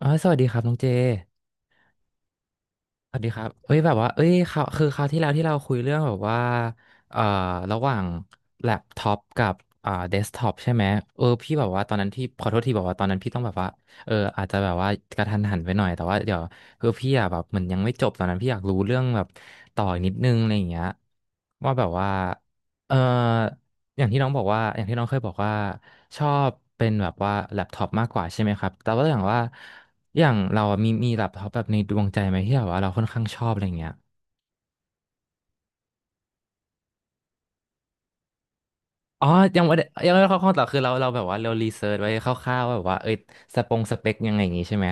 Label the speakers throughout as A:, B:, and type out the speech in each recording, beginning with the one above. A: ออสวัสดีครับน้องเจสวัสดีครับเอ้ยแบบว่าเอ้ยคราวที่แล้วที่เราคุยเรื่องแบบว่าเอ่อระหว่างแล็ปท็อปกับเดสก์ท็อปใช่ไหมพี่แบบว่าตอนนั้นพี่ขอโทษทีบอกว่าตอนนั้นพี่ต้องแบบว่าอาจจะแบบว่ากระทันหันไปหน่อยแต่ว่าเดี๋ยวคือพี่อะแบบเหมือนยังไม่จบตอนนั้นพี่อยากรู้เรื่องแบบต่ออีกนิดนึงอะไรอย่างเงี้ยว่าแบบว่าเอออย่างที่น้องบอกว่าอย่างที่น้องเคยบอกว่าชอบเป็นแบบว่าแล็ปท็อปมากกว่าใช่ไหมครับแต่ว่าอย่างว่า อย่างเราอะมีแบบท็อปแบบในดวงใจไหมที่แบบว่าเราค่อนข้างชอบอะไรเงี้ยอ๋อยังไม่ได้เข้าข้อต่อคือเราแบบว่าเรารีเสิร์ชไว้คร่าวๆว่าแบบว่าเอ้ยสเปคยังไงอย่างงี้ใช่ไหม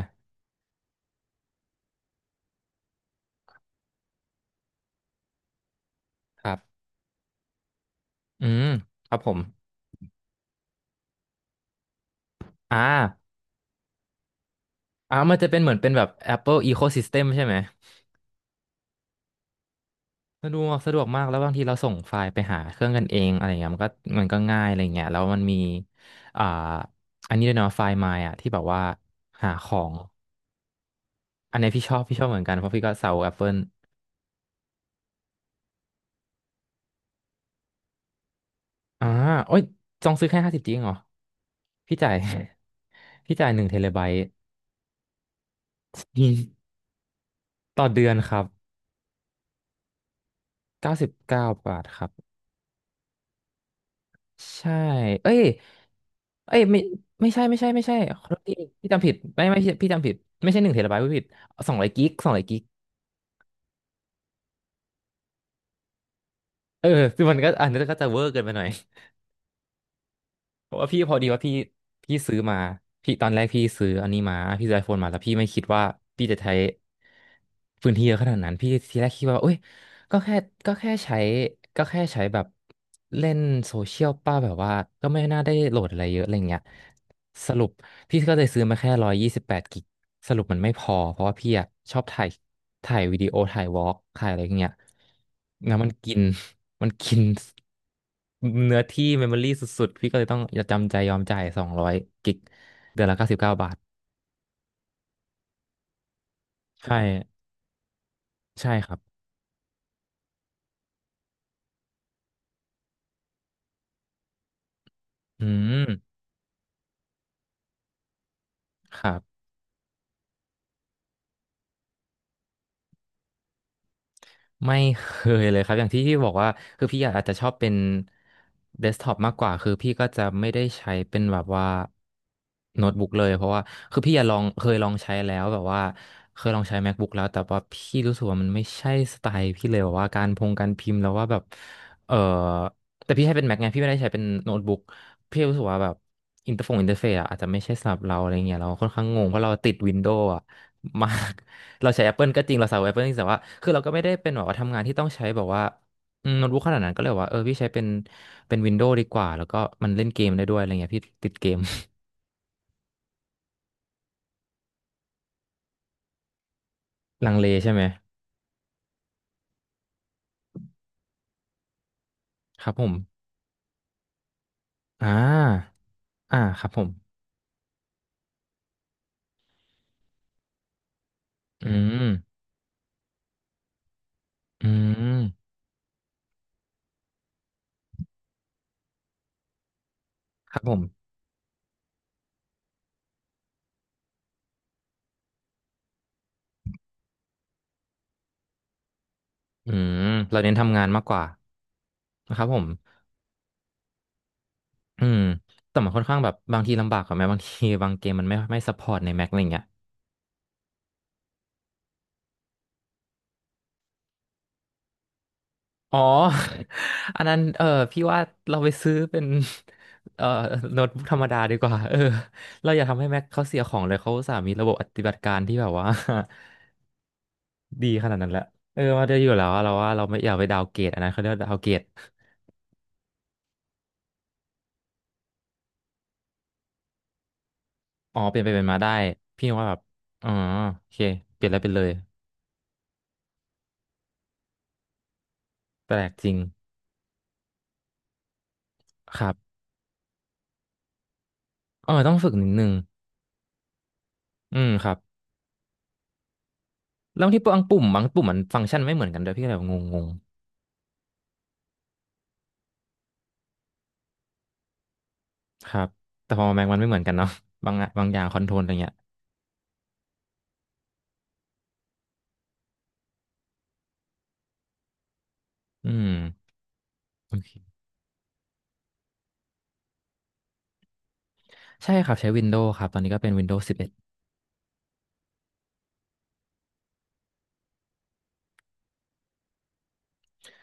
A: ครับอืมครับผมอ่าอ่ามันจะเป็นเหมือนเป็นแบบ Apple Ecosystem ใช่ไหมสะดวกมากแล้วบางทีเราส่งไฟล์ไปหาเครื่องกันเองอะไรเงี้ยมันก็ง่ายอะไรเงี้ยแล้วมันมีอ่าอันนี้ด้วยเนาะไฟล์ My อ่ะที่แบบว่าหาของอันนี้พี่ชอบเหมือนกันเพราะพี่ก็สาว Apple อ่าโอ้ยจองซื้อแค่50จริงเหรอพี่จ่าย พี่จ่าย1 เทเลไบต์ อต่อเดือนครับเก้าสิบเก้าบาทครับใช่เอ้ยเอ้ยไม่ไม่ใช่ขอโทษทีพี่จำผิดไม่ไม่พี่จำผิดไม่ใช่หนึ่งเทเลไบต์พี่ผิดสองร้อยกิกเออคือมันก็อันนี้ก็จะเวอร์เกินไปหน่อยเพราะว่าพี่พอดีว่าพี่ซื้อมาพี่ตอนแรกพี่ซื้ออันนี้มาพี่ซื้อไอโฟนมาแล้วพี่ไม่คิดว่าพี่จะใช้พื้นที่เยอะขนาดนั้นพี่ทีแรกคิดว่าเอ้ย ก็แค่ก็แค่ใช้ก็แค่ใช้แบบเล่นโซเชียลป้าแบบว่าก็ไม่น่าได้โหลดอะไรเยอะอะไรเงี้ยสรุปพี่ก็เลยซื้อมาแค่128 กิกสรุปมันไม่พอเพราะว่าพี่อะชอบถ่ายถ่ายวิดีโอถ่ายวอล์กถ่ายอะไรเงี้ยงั้นมันกิน มันกินเนื้อที่เมมโมรี่สุดๆพี่ก็เลยต้องจำใจยอมจ่ายสองร้อยกิกเดือนละเก้าสิบเก้าบาทใช่ใช่ครับอืมครับ ไม่เคยเลยครับอย่างที่พี่บอกว่าคือพี่อาจจะชอบเป็นเดสก์ท็อปมากกว่าคือพี่ก็จะไม่ได้ใช้เป็นแบบว่าโน้ตบุ๊กเลยเพราะว่าคือพี่อะลองเคยลองใช้แล้วแบบว่าเคยลองใช้ MacBook แล้วแต่ว่าพี่รู้สึกว่ามันไม่ใช่สไตล์พี่เลยแบบว่าการพิมพ์แล้วว่าแบบเออแต่พี่ใช้เป็น Mac ไงพี่ไม่ได้ใช้เป็นโน้ตบุ๊กพี่รู้สึกว่าแบบอินเตอร์ฟงอินเตอร์เฟซอะอาจจะไม่ใช่สำหรับเราอะไรเงี้ยเราค่อนข้างงงเพราะเราติดวินโดว์อะมาก เราใช้ Apple ก็จริงเราใช้ Apple จริงแต่ว่าคือเราก็ไม่ได้เป็นแบบว่าทำงานที่ต้องใช้แบบว่าโน้ตบุ๊กขนาดนั้นก็เลยบอกว่าพี่ใช้เป็น Windows ดีกว่าแล้วก็มันเล่นเกมได้ด้วยอะไรเงี้ยพี่ติดเกม ลังเลใช่ไหมครับผมอ่าอ่าครับผมอืมอืมครับผมอืมเราเน้นทำงานมากกว่านะครับผมอืมแต่มันค่อนข้างแบบบางทีลำบากกว่าไหมบางทีบางเกมมันไม่ซัพพอร์ตใน Mac อะไรเงี้ย อ๋อ อันนั้นเออพี่ว่าเราไปซื้อเป็น เอ่อโน้ตบุ๊กธรรมดาดีกว่าเออเราอย่าทำให้แม็กเขาเสียของเลยเขาอุตสาห์มีระบบปฏิบัติการที่แบบว่า ดีขนาดนั้นแหละเออมาได้อยู่แล้วอะเราว่าเราไม่อยากไปดาวน์เกรดอันนั้นเขาเรียกว่าดาวน์เกรดอ๋อเปลี่ยนไปเป็นมาได้พี่ว่าแบบอ๋อโอเคเปลี่ยนแล้วเป็นเลยแปลกจริงครับเออต้องฝึกนิดนึงอืมครับแล้วที่บางปุ่มบางปุ่มมันฟังก์ชันไม่เหมือนกันด้วยพี่ก็เลยแบบงงๆครับแต่พอแม็กมันไม่เหมือนกันเนาะบางอะบางอย่างคอนโทรลอะไรเงี้ย อืมโอเคใช่ครับใช้ Windows ครับตอนนี้ก็เป็น Windows 11อ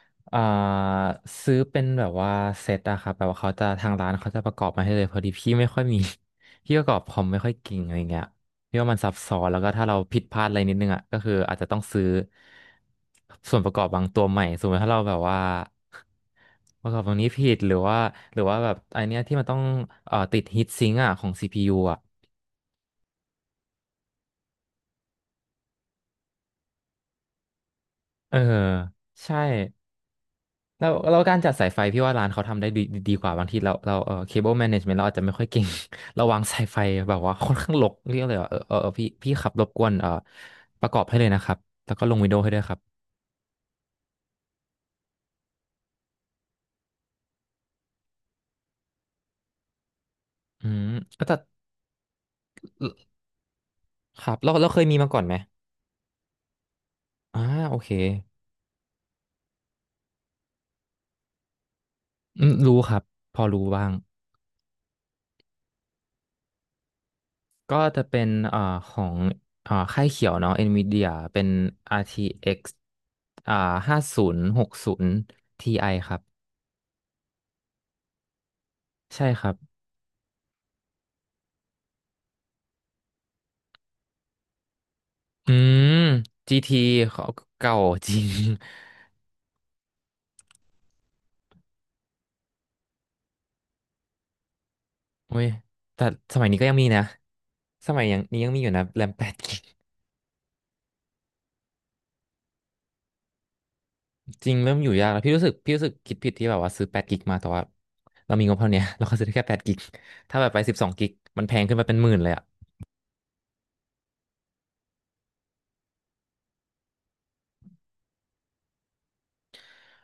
A: ดอ่าซื้อเป็นแบบว่าเซตอะครับแบบว่าเขาจะทางร้านเขาจะประกอบมาให้เลยพอดีพี่ไม่ค่อยมี พี่ประกอบคอมไม่ค่อยเก่งอะไรเงี้ยพี่ว่ามันซับซ้อนแล้วก็ถ้าเราผิดพลาดอะไรนิดนึงอะก็คืออาจจะต้องซื้อส่วนประกอบบางตัวใหม่สมมติถ้าเราแบบว่า ประกอบบางนี้ผิดหรือว่าหรือว่าแบบไอเนี้ยที่มันต้องติดฮีทซิงค์อะของซีพียูอะเออใช่ แล้วการจัดสายไฟพี่ว่าร้านเขาทำได้ดีดีกว่าบางทีเราเออเคเบิลแมเนจเมนต์เราอาจจะไม่ค่อยเก่ง เราวางสายไฟแบบว่าค่อนข้างรกเรียกเลยว่าเออพี่ขับรบกวนเออประกอบให้เลยนะครับแล้วก็ลงวินโดว์ให้ด้วยครับอืมแล้วแต่ครับเราเคยมีมาก่อนไหมอ่าโอเคอืมรู้ครับพอรู้บ้างก็จะเป็นของค่ายเขียวเนาะ Nvidia เป็น RTX อกซ์อ่า5060 Ti ครับใช่ครับ อืม GT เขาเก่า จริง โอ้ยแต่สมัยนี้ก็ยังมีนะสมัยยังนี้ยังมีอยู่นะแรมแปดกิกจริงเริ่มอยู่ยากแล้วพี่รู้สึกคิดผิดที่แบบว่าซื้อแปดกิกมาแต่ว่าเรามีงบเท่าเนี้ย เราก็ซื้อได้แค่8 กิกถ้าแบบไป12 กิกมันแพงขึ้นมาเป็นหมื่นเลยอ่ะ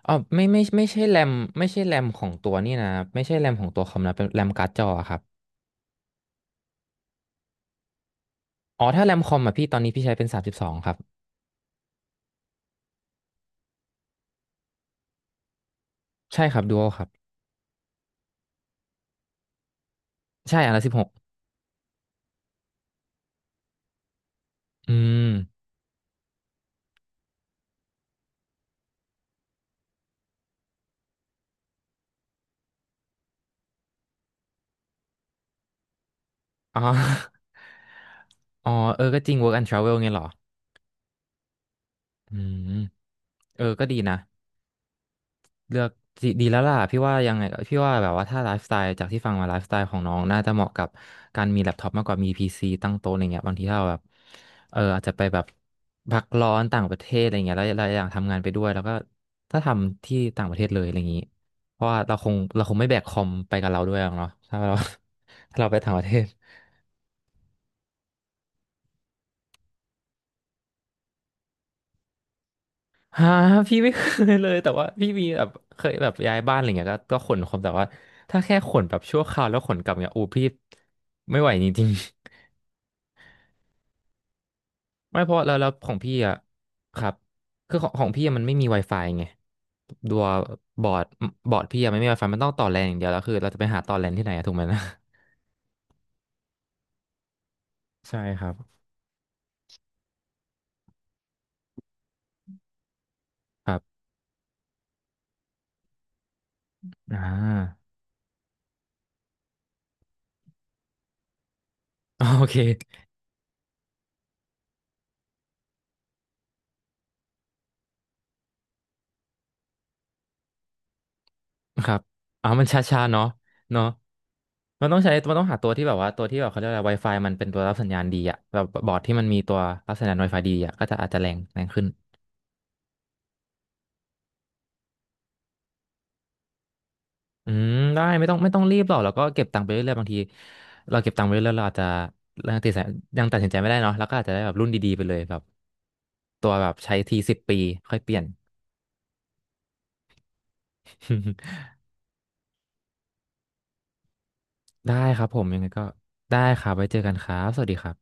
A: อ๋อไม่ไม่ใช่แรมไม่ใช่แรมของตัวนี่นะไม่ใช่แรมของตัวคอมนะเป็นแรมการ์ดจออะครับอ๋อถ้าแรมคอมอ่ะพี่ตอนนี้พี่ใช้เป็น32ครับใช่ครับดูโอครับใช่อันละ16อืม อ๋อ อ๋อเออก็จริง work and travel ไงเหรออืมเออก็ดีนะเลือกดีดีแล้วล่ะพี่ว่ายังไงพี่ว่าแบบว่าถ้าไลฟ์สไตล์จากที่ฟังมาไลฟ์สไตล์ของน้องน่าจะเหมาะกับการมีแล็ปท็อปมากกว่ามีพีซีตั้งโต๊ะอะไรเงี้ยบางทีถ้าเราแบบเอออาจจะไปแบบพักร้อนต่างประเทศอะไรเงี้ยแล้วเราอยากทำงานไปด้วยแล้วก็ถ้าทำที่ต่างประเทศเลยอะไรอย่างนี้เพราะว่าเราคงไม่แบกคอมไปกับเราด้วยหรอกเนาะถ้าเรา ถ้าเราไปต่างประเทศ ฮะพี่ไม่เคยเลยแต่ว่าพี่มีแบบเคยแบบย้ายบ้านอะไรเงี้ยก็ก็ขนของแต่ว่าถ้าแค่ขนแบบชั่วคราวแล้วขนกลับเงี้ยอูพี่ไม่ไหวจริงๆ ไม่เพราะแล้วของพี่อ่ะครับคือของพี่อะมันไม่มี Wi-Fi ไงตัวบอร์ดพี่อะไม่มี Wi-Fi มันต้องต่อแลนอย่างเดียวแล้วคือเราจะไปหาต่อแลนที่ไหนอะถูกไหมนะ ใช่ครับครับอ่าโอเค ครับอ๋อมันช้าๆเนาะเนาะมันต้องหาตัวที่แบบว่าตัวที่แบบเขาเรียกอะไร Wi-Fi มันเป็นตัวรับสัญญาณดีอะแบบบอร์ดที่มันมีตัวรับสัญญาณ Wi-Fi ดีอะก็จะอาจจะแรงแรงขึ้นอืมได้ไม่ต้องรีบหรอกแล้วก็เก็บตังค์ไปเรื่อยๆบางทีเราเก็บตังค์ไปเรื่อยๆเราอาจจะยังตัดสินยังตัดสินใจไม่ได้เนาะแล้วก็อาจจะได้แบบรุ่นดีๆไปเลยแบบตัวแบบใช้ที10 ปีค่อยเปลี่ยน ได้ครับผมยังไงก็ได้ครับไว้เจอกันครับสวัสดีครับ